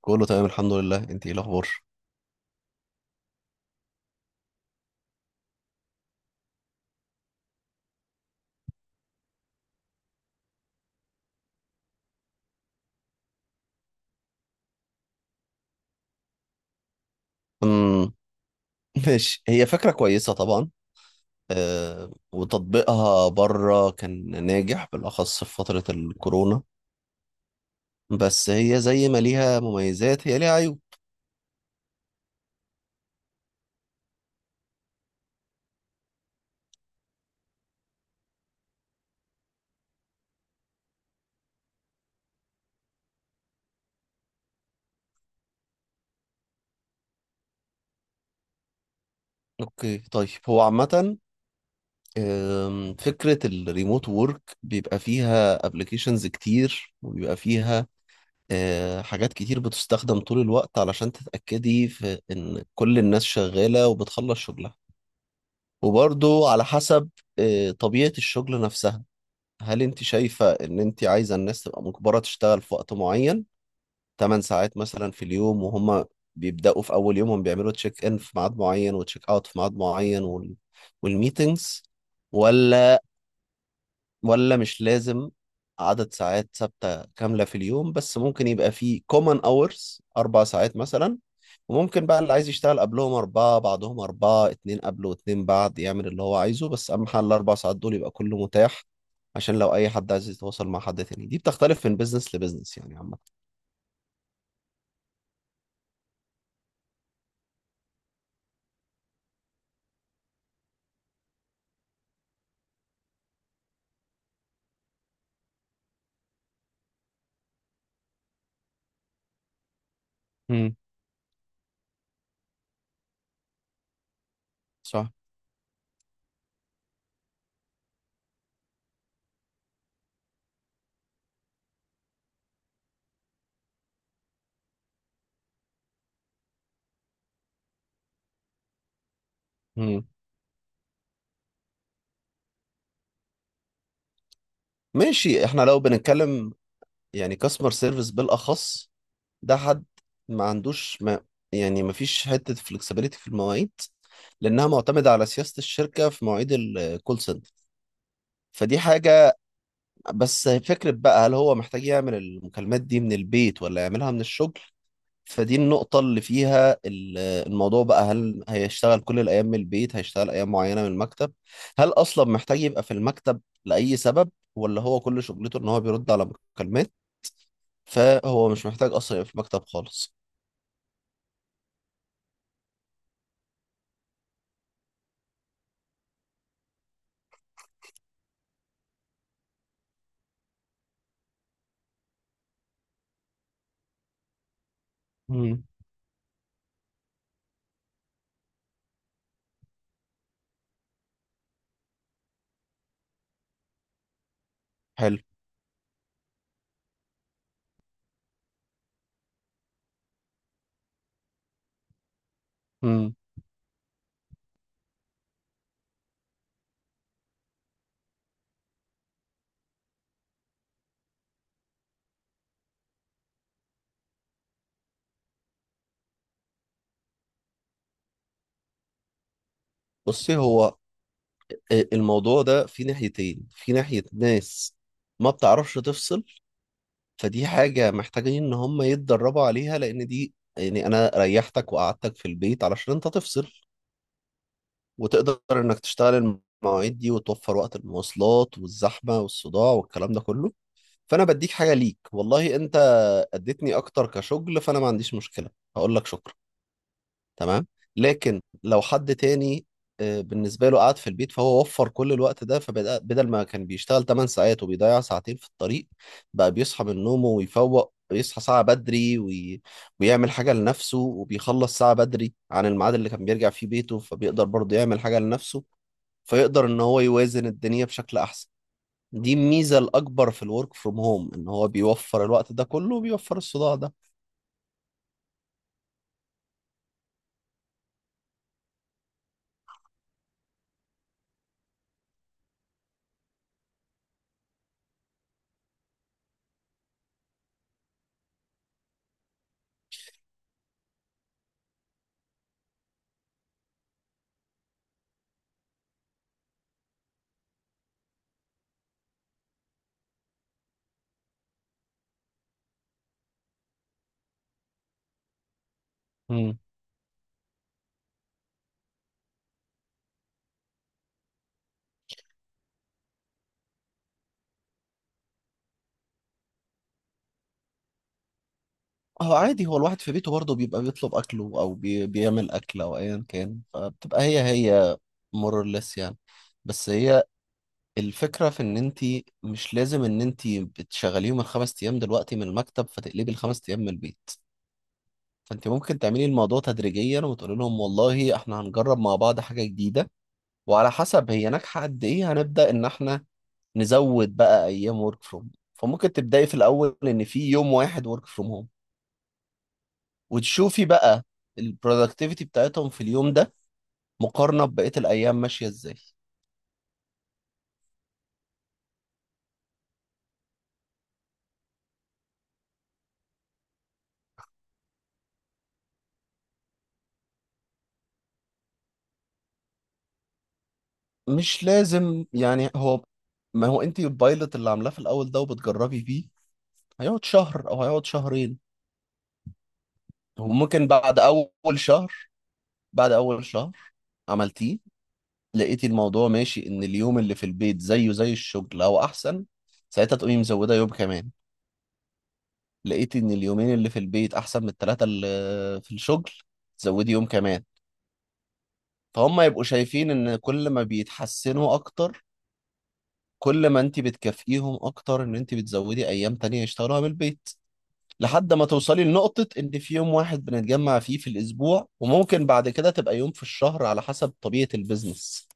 كله تمام، الحمد لله. انت ايه الاخبار؟ امم ماشي، هي فكره كويسه طبعا. أه، وتطبيقها بره كان ناجح بالاخص في فتره الكورونا. بس هي زي ما ليها مميزات هي ليها عيوب. اوكي، طيب. هو عامه فكره الريموت وورك بيبقى فيها ابلكيشنز كتير وبيبقى فيها حاجات كتير بتستخدم طول الوقت علشان تتاكدي في ان كل الناس شغاله وبتخلص شغلها. وبرضو على حسب طبيعة الشغل نفسها. هل انت شايفة ان انت عايزة الناس تبقى مجبرة تشتغل في وقت معين؟ 8 ساعات مثلا في اليوم، وهم بيبدأوا في اول يومهم بيعملوا تشيك ان في ميعاد معين وتشيك اوت في ميعاد معين، والميتينجز؟ ولا ولا مش لازم عدد ساعات ثابتة كاملة في اليوم، بس ممكن يبقى في common hours 4 ساعات مثلا. وممكن بقى اللي عايز يشتغل قبلهم أربعة بعدهم أربعة، اتنين قبله واتنين بعد، يعمل اللي هو عايزه. بس أهم حاجة الأربع ساعات دول يبقى كله متاح، عشان لو أي حد عايز يتواصل مع حد تاني. دي بتختلف من بيزنس لبيزنس يعني عامة. امم. صح. مم. ماشي، احنا لو بنتكلم يعني كاستمر سيرفيس بالأخص، ده حد ما عندوش ما يعني ما فيش حتة فلكسبيليتي في المواعيد، لأنها معتمدة على سياسة الشركة في مواعيد الكول سنتر. فدي حاجة. بس فكرة بقى، هل هو محتاج يعمل المكالمات دي من البيت ولا يعملها من الشغل؟ فدي النقطة اللي فيها الموضوع بقى، هل هيشتغل كل الأيام من البيت، هيشتغل أيام معينة من المكتب، هل أصلا محتاج يبقى في المكتب لأي سبب، ولا هو كل شغلته إن هو بيرد على مكالمات؟ فهو مش محتاج أصلا يبقى في المكتب خالص. مم. حلو. مم. بصي، هو الموضوع ده في ناحيتين. في ناحية ناس ما بتعرفش تفصل، فدي حاجة محتاجين ان هم يتدربوا عليها، لان دي يعني انا ريحتك وقعدتك في البيت علشان انت تفصل وتقدر انك تشتغل المواعيد دي وتوفر وقت المواصلات والزحمة والصداع والكلام ده كله. فانا بديك حاجة، ليك والله انت اديتني اكتر كشغل، فانا ما عنديش مشكلة. هقول لك شكرا. تمام. لكن لو حد تاني بالنسبة له قاعد في البيت، فهو وفر كل الوقت ده. فبدل ما كان بيشتغل 8 ساعات وبيضيع ساعتين في الطريق، بقى بيصحى من نومه ويفوق، بيصحى ساعة بدري ويعمل حاجة لنفسه، وبيخلص ساعة بدري عن الميعاد اللي كان بيرجع فيه بيته، فبيقدر برضه يعمل حاجة لنفسه. فيقدر ان هو يوازن الدنيا بشكل احسن. دي الميزة الأكبر في الورك فروم هوم، ان هو بيوفر الوقت ده كله وبيوفر الصداع ده. هو عادي، هو الواحد في بيته برضه بيبقى بيطلب اكله او بيعمل اكل او ايا كان، فبتبقى هي هي مورلس يعني. بس هي الفكره في ان انت مش لازم ان انت بتشغليهم الخمس ايام دلوقتي من المكتب فتقلبي الخمس ايام من البيت. فانت ممكن تعملي الموضوع تدريجيا، وتقولي لهم والله احنا هنجرب مع بعض حاجه جديده، وعلى حسب هي ناجحه قد ايه هنبدا ان احنا نزود بقى ايام ورك فروم. فممكن تبداي في الاول ان في يوم واحد ورك فروم هوم، وتشوفي بقى البرودكتيفيتي بتاعتهم في اليوم ده مقارنة ببقية الأيام ماشية إزاي. مش لازم يعني. هو ما هو أنت البايلوت اللي عاملاه في الأول ده وبتجربي فيه هيقعد شهر أو هيقعد شهرين. وممكن بعد شهر أول شهر عملتيه، لقيتي الموضوع ماشي، إن اليوم اللي في البيت زيه زي الشغل أو أحسن، ساعتها تقومي مزودة يوم كمان. لقيتي إن اليومين اللي في البيت أحسن من التلاتة اللي في الشغل، تزودي يوم كمان. فهم يبقوا شايفين ان كل ما بيتحسنوا اكتر كل ما انت بتكافئيهم اكتر ان انت بتزودي ايام تانية يشتغلوها من البيت. لحد ما توصلي لنقطة ان في يوم واحد بنتجمع فيه في الاسبوع، وممكن بعد كده تبقى يوم في الشهر على حسب طبيعة البيزنس.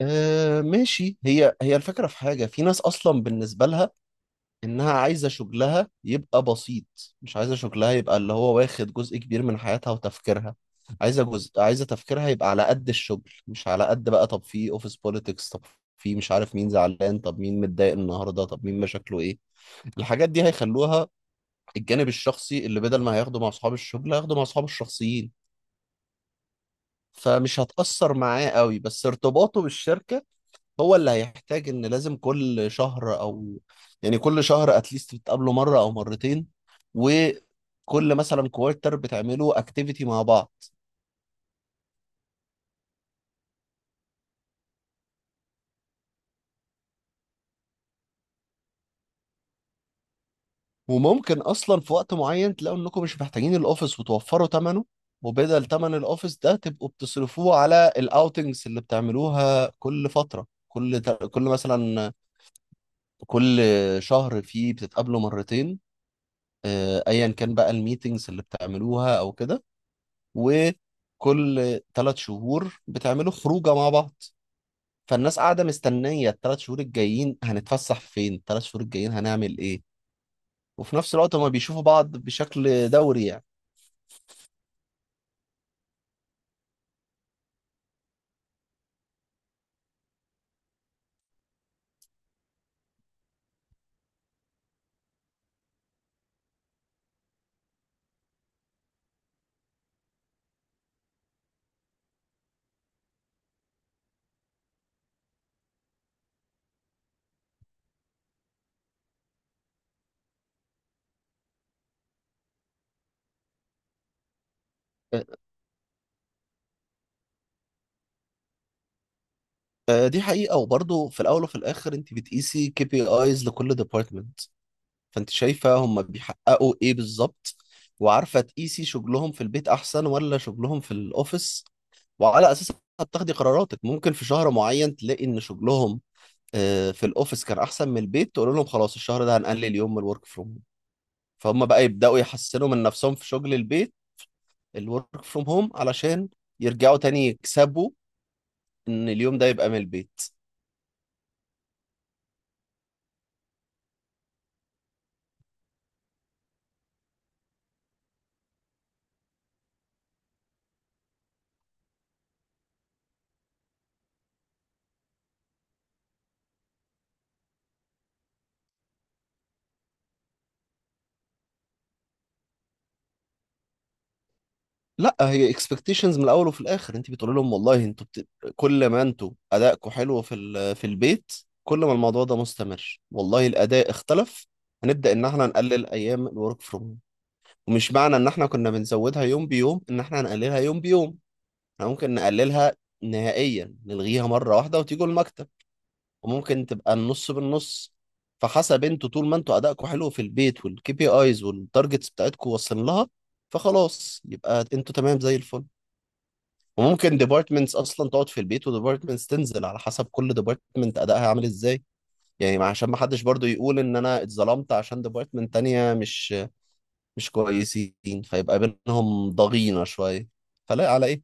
آه، ماشي. هي هي الفكرة. في حاجة، في ناس اصلا بالنسبة لها انها عايزه شغلها يبقى بسيط، مش عايزه شغلها يبقى اللي هو واخد جزء كبير من حياتها وتفكيرها. عايزه جزء، عايزه تفكيرها يبقى على قد الشغل، مش على قد بقى. طب في اوفيس بوليتكس، طب في مش عارف مين زعلان، طب مين متضايق النهارده، طب مين مشاكله ايه. الحاجات دي هيخلوها الجانب الشخصي اللي بدل ما هياخده مع اصحاب الشغل هياخده مع اصحابه الشخصيين. فمش هتأثر معاه قوي، بس ارتباطه بالشركة هو اللي هيحتاج، ان لازم كل شهر يعني كل شهر اتليست بتقابله مره او مرتين، وكل مثلا كوارتر بتعملوا اكتيفيتي مع بعض. وممكن اصلا في وقت معين تلاقوا انكم مش محتاجين الاوفيس وتوفروا ثمنه. وبدل ثمن الاوفيس ده تبقوا بتصرفوه على الاوتنجز اللي بتعملوها كل فتره، كل مثلا كل شهر فيه بتتقابلوا مرتين، ايا كان بقى الميتنجز اللي بتعملوها او كده. وكل ثلاث شهور بتعملوا خروجه مع بعض، فالناس قاعده مستنيه الثلاث شهور الجايين هنتفسح فين، الثلاث شهور الجايين هنعمل ايه. وفي نفس الوقت هما بيشوفوا بعض بشكل دوري يعني. أ- دي حقيقه. وبرضه في الاول وفي الاخر انت بتقيسي كي بي ايز لكل ديبارتمنت، فانت شايفه هما بيحققوا ايه بالظبط وعارفه تقيسي شغلهم في البيت احسن ولا شغلهم في الاوفيس. وعلى اساسها بتاخدي قراراتك. ممكن في شهر معين تلاقي ان شغلهم في الاوفيس كان احسن من البيت، تقول لهم خلاص الشهر ده هنقلل يوم من الورك فروم هوم. فهم بقى يبداوا يحسنوا من نفسهم في شغل البيت الورك فروم هوم علشان يرجعوا تاني يكسبوا ان اليوم ده يبقى من البيت. لا، هي اكسبكتيشنز من الاول وفي الاخر انت بتقول لهم والله انتوا كل ما انتوا ادائكم حلو في البيت، كل ما الموضوع ده مستمر، والله الاداء اختلف، هنبدا ان احنا نقلل ايام الورك فروم هوم. ومش معنى ان احنا كنا بنزودها يوم بيوم ان احنا هنقللها يوم بيوم. احنا ممكن نقللها نهائيا نلغيها مرة واحدة وتيجوا المكتب. وممكن تبقى النص بالنص. فحسب انتوا، طول ما انتوا ادائكم حلو في البيت والكي بي ايز والتارجتس بتاعتكم واصلين لها، فخلاص يبقى انتوا تمام زي الفل. وممكن ديبارتمنتس اصلا تقعد في البيت وديبارتمنتس تنزل، على حسب كل ديبارتمنت ادائها عامل ازاي. يعني عشان ما حدش برضو يقول ان انا اتظلمت عشان ديبارتمنت تانية مش كويسين، فيبقى بينهم ضغينة شوية. فلا، على ايه.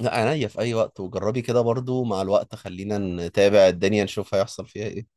لا، عينيا في اي وقت. وجربي كده برضو، مع الوقت خلينا نتابع الدنيا نشوف هيحصل فيها ايه.